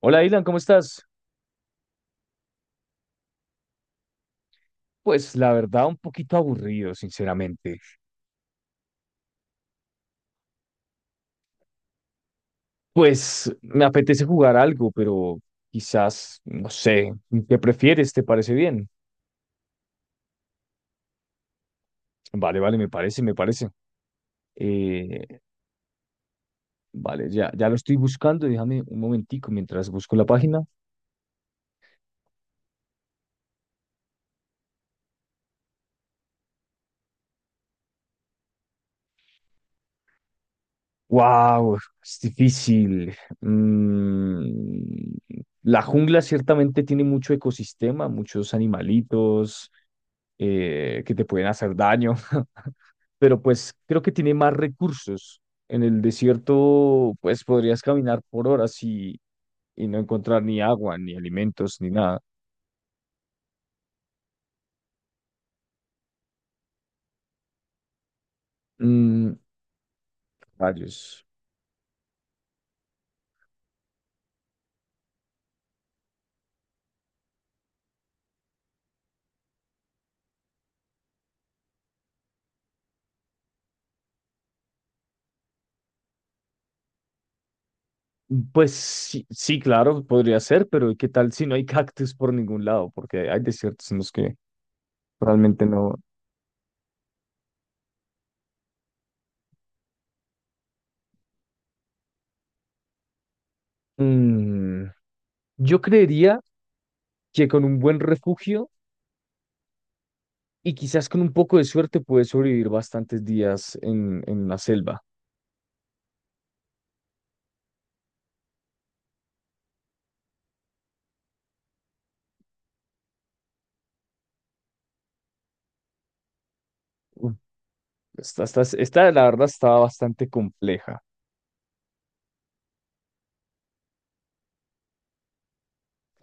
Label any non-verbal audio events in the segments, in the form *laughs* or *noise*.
Hola, Dylan, ¿cómo estás? Pues la verdad, un poquito aburrido, sinceramente. Pues me apetece jugar algo, pero quizás, no sé, ¿qué prefieres? ¿Te parece bien? Vale, vale, me parece, me parece. Eh, vale, ya lo estoy buscando, déjame un momentico mientras busco la página. ¡Wow! Es difícil. Mm, la jungla ciertamente tiene mucho ecosistema, muchos animalitos que te pueden hacer daño, pero pues creo que tiene más recursos. En el desierto, pues podrías caminar por horas y no encontrar ni agua, ni alimentos, ni nada. Mm, rayos. Pues sí, sí, claro, podría ser, pero ¿qué tal si no hay cactus por ningún lado? Porque hay desiertos en los que realmente no. Mm, yo creería que con un buen refugio y quizás con un poco de suerte puedes sobrevivir bastantes días en la selva. Esta, la verdad, estaba bastante compleja.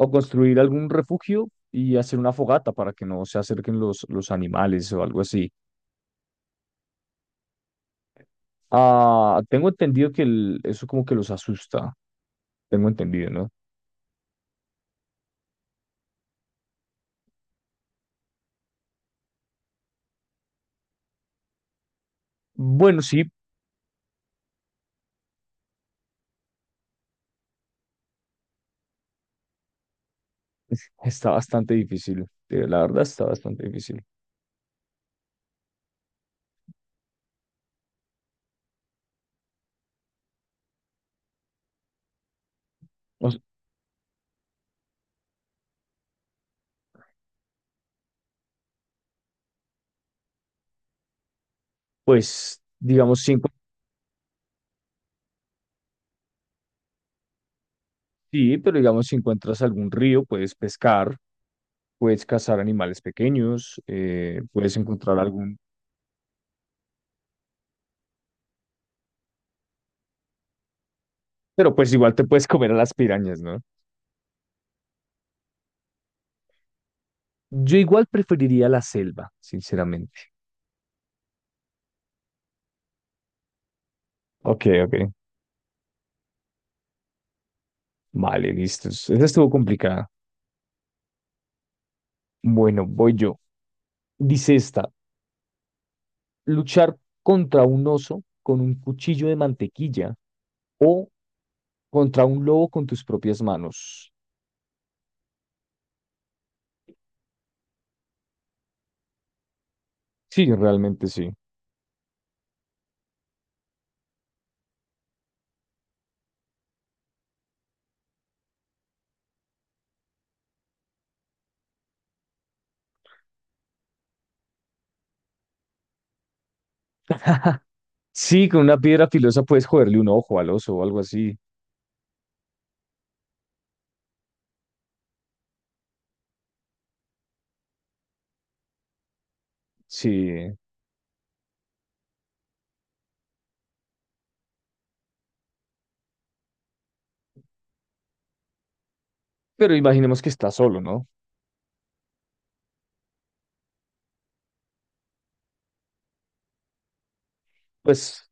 O construir algún refugio y hacer una fogata para que no se acerquen los animales o algo así. Ah, tengo entendido que eso como que los asusta. Tengo entendido, ¿no? Bueno, sí, *laughs* está bastante difícil. La verdad, está bastante difícil. O s- Pues, digamos, si encuent- Sí, pero digamos, si encuentras algún río, puedes pescar, puedes cazar animales pequeños, puedes encontrar algún... Pero pues igual te puedes comer a las pirañas, ¿no? Yo igual preferiría la selva, sinceramente. Ok, ok. Vale, listo. Esta estuvo complicada. Bueno, voy yo. Dice esta, luchar contra un oso con un cuchillo de mantequilla o contra un lobo con tus propias manos. Sí, realmente sí. Sí, con una piedra filosa puedes joderle un ojo al oso o algo así. Sí, pero imaginemos que está solo, ¿no? Pues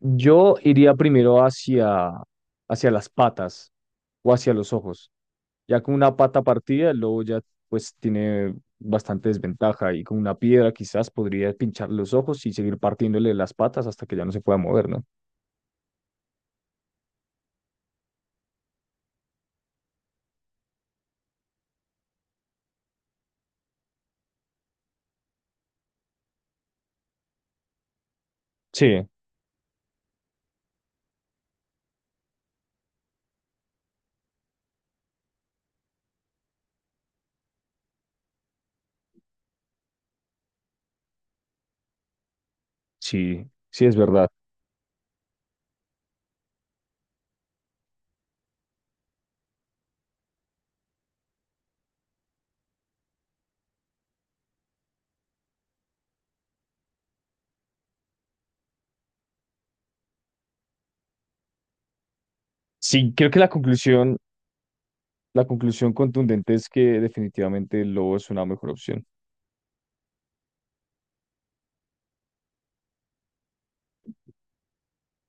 yo iría primero hacia, hacia las patas o hacia los ojos. Ya con una pata partida, el lobo ya pues tiene bastante desventaja y con una piedra quizás podría pinchar los ojos y seguir partiéndole las patas hasta que ya no se pueda mover, ¿no? Sí, sí, sí es verdad. Sí, creo que la conclusión contundente es que definitivamente el lobo es una mejor opción.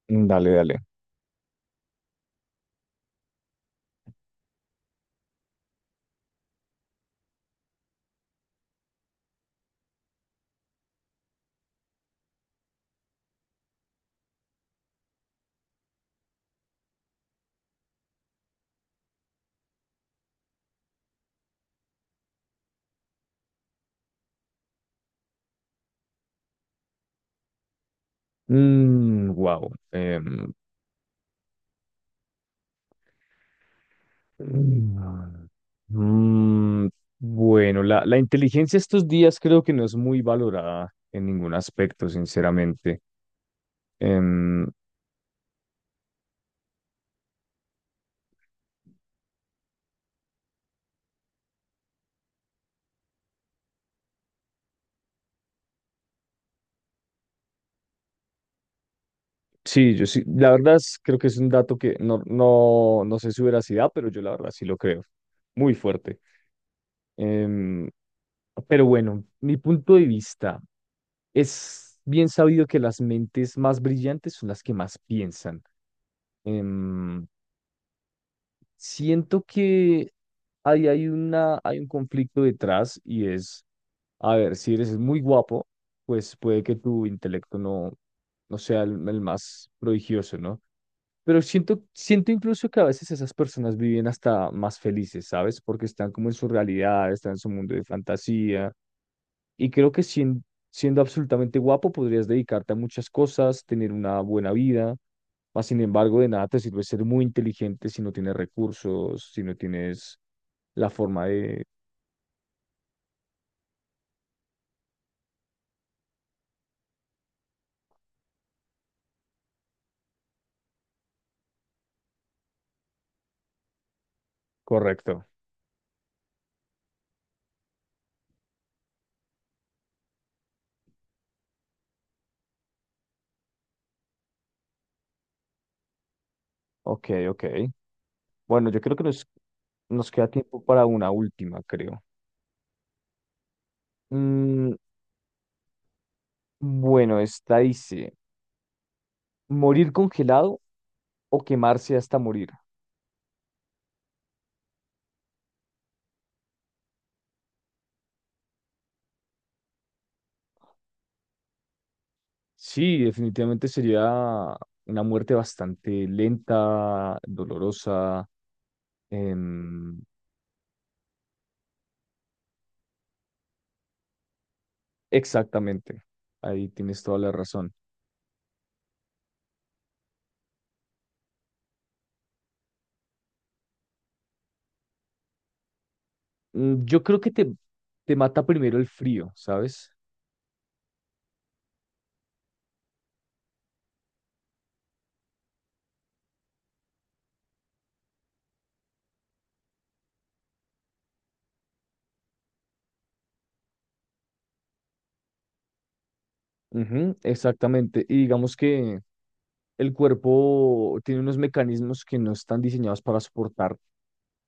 Mm, dale, dale. Mm, wow. Mm, mm, bueno, la inteligencia estos días creo que no es muy valorada en ningún aspecto, sinceramente. Em, sí, yo sí, creo que es un dato que no, no, no sé su veracidad, pero yo la verdad sí lo creo. Muy fuerte. Em, pero bueno, mi punto de vista es bien sabido que las mentes más brillantes son las que más piensan. Em, siento que ahí hay hay un conflicto detrás y es, a ver, si eres muy guapo, pues puede que tu intelecto no, no sea el más prodigioso, ¿no? Pero siento incluso que a veces esas personas viven hasta más felices, ¿sabes? Porque están como en su realidad, están en su mundo de fantasía. Y siendo absolutamente guapo podrías dedicarte a muchas cosas, tener una buena vida. Mas, sin embargo, de nada te sirve ser muy inteligente si no tienes recursos, si no tienes la forma de... Correcto. Ok, ok. Bueno, yo creo que nos queda tiempo para una última, creo. Mm, bueno, esta dice, ¿morir congelado o quemarse hasta morir? Sí, definitivamente sería una muerte bastante lenta, dolorosa. em, exactamente, ahí tienes toda la razón. Mm, yo creo que te mata primero el frío, ¿sabes? Ujú, exactamente. Y digamos que el cuerpo tiene unos mecanismos que no están diseñados para soportar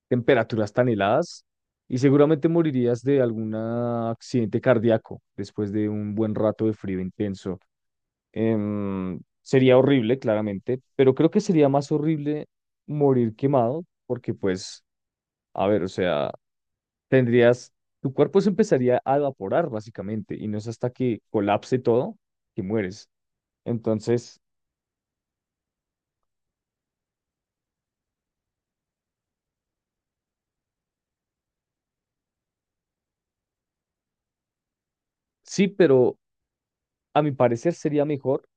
temperaturas tan heladas y seguramente morirías de algún accidente cardíaco después de un buen rato de frío intenso. Sería horrible, claramente, pero creo que sería más horrible morir quemado porque pues, a ver, o sea, tendrías, tu cuerpo se empezaría a evaporar básicamente y no es hasta que colapse todo que mueres. Entonces, sí, pero a mi parecer sería mejor.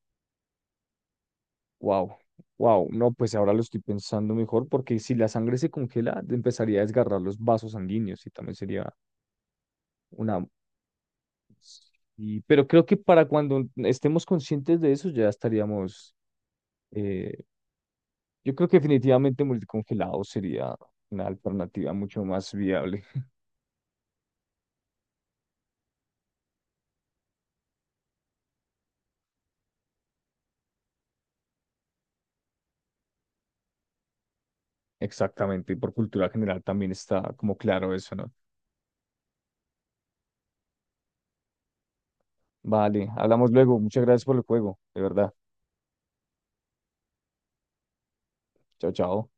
Wow, wow. No, pues ahora lo estoy pensando mejor porque si la sangre se congela, empezaría a desgarrar los vasos sanguíneos y también sería una... y- pero creo que para cuando estemos conscientes de eso ya estaríamos... eh, yo creo que definitivamente morir congelado sería una alternativa mucho más viable. Exactamente. Y por cultura general también está como claro eso, ¿no? Vale, hablamos luego. Muchas gracias por el juego, de verdad. Chao, chao.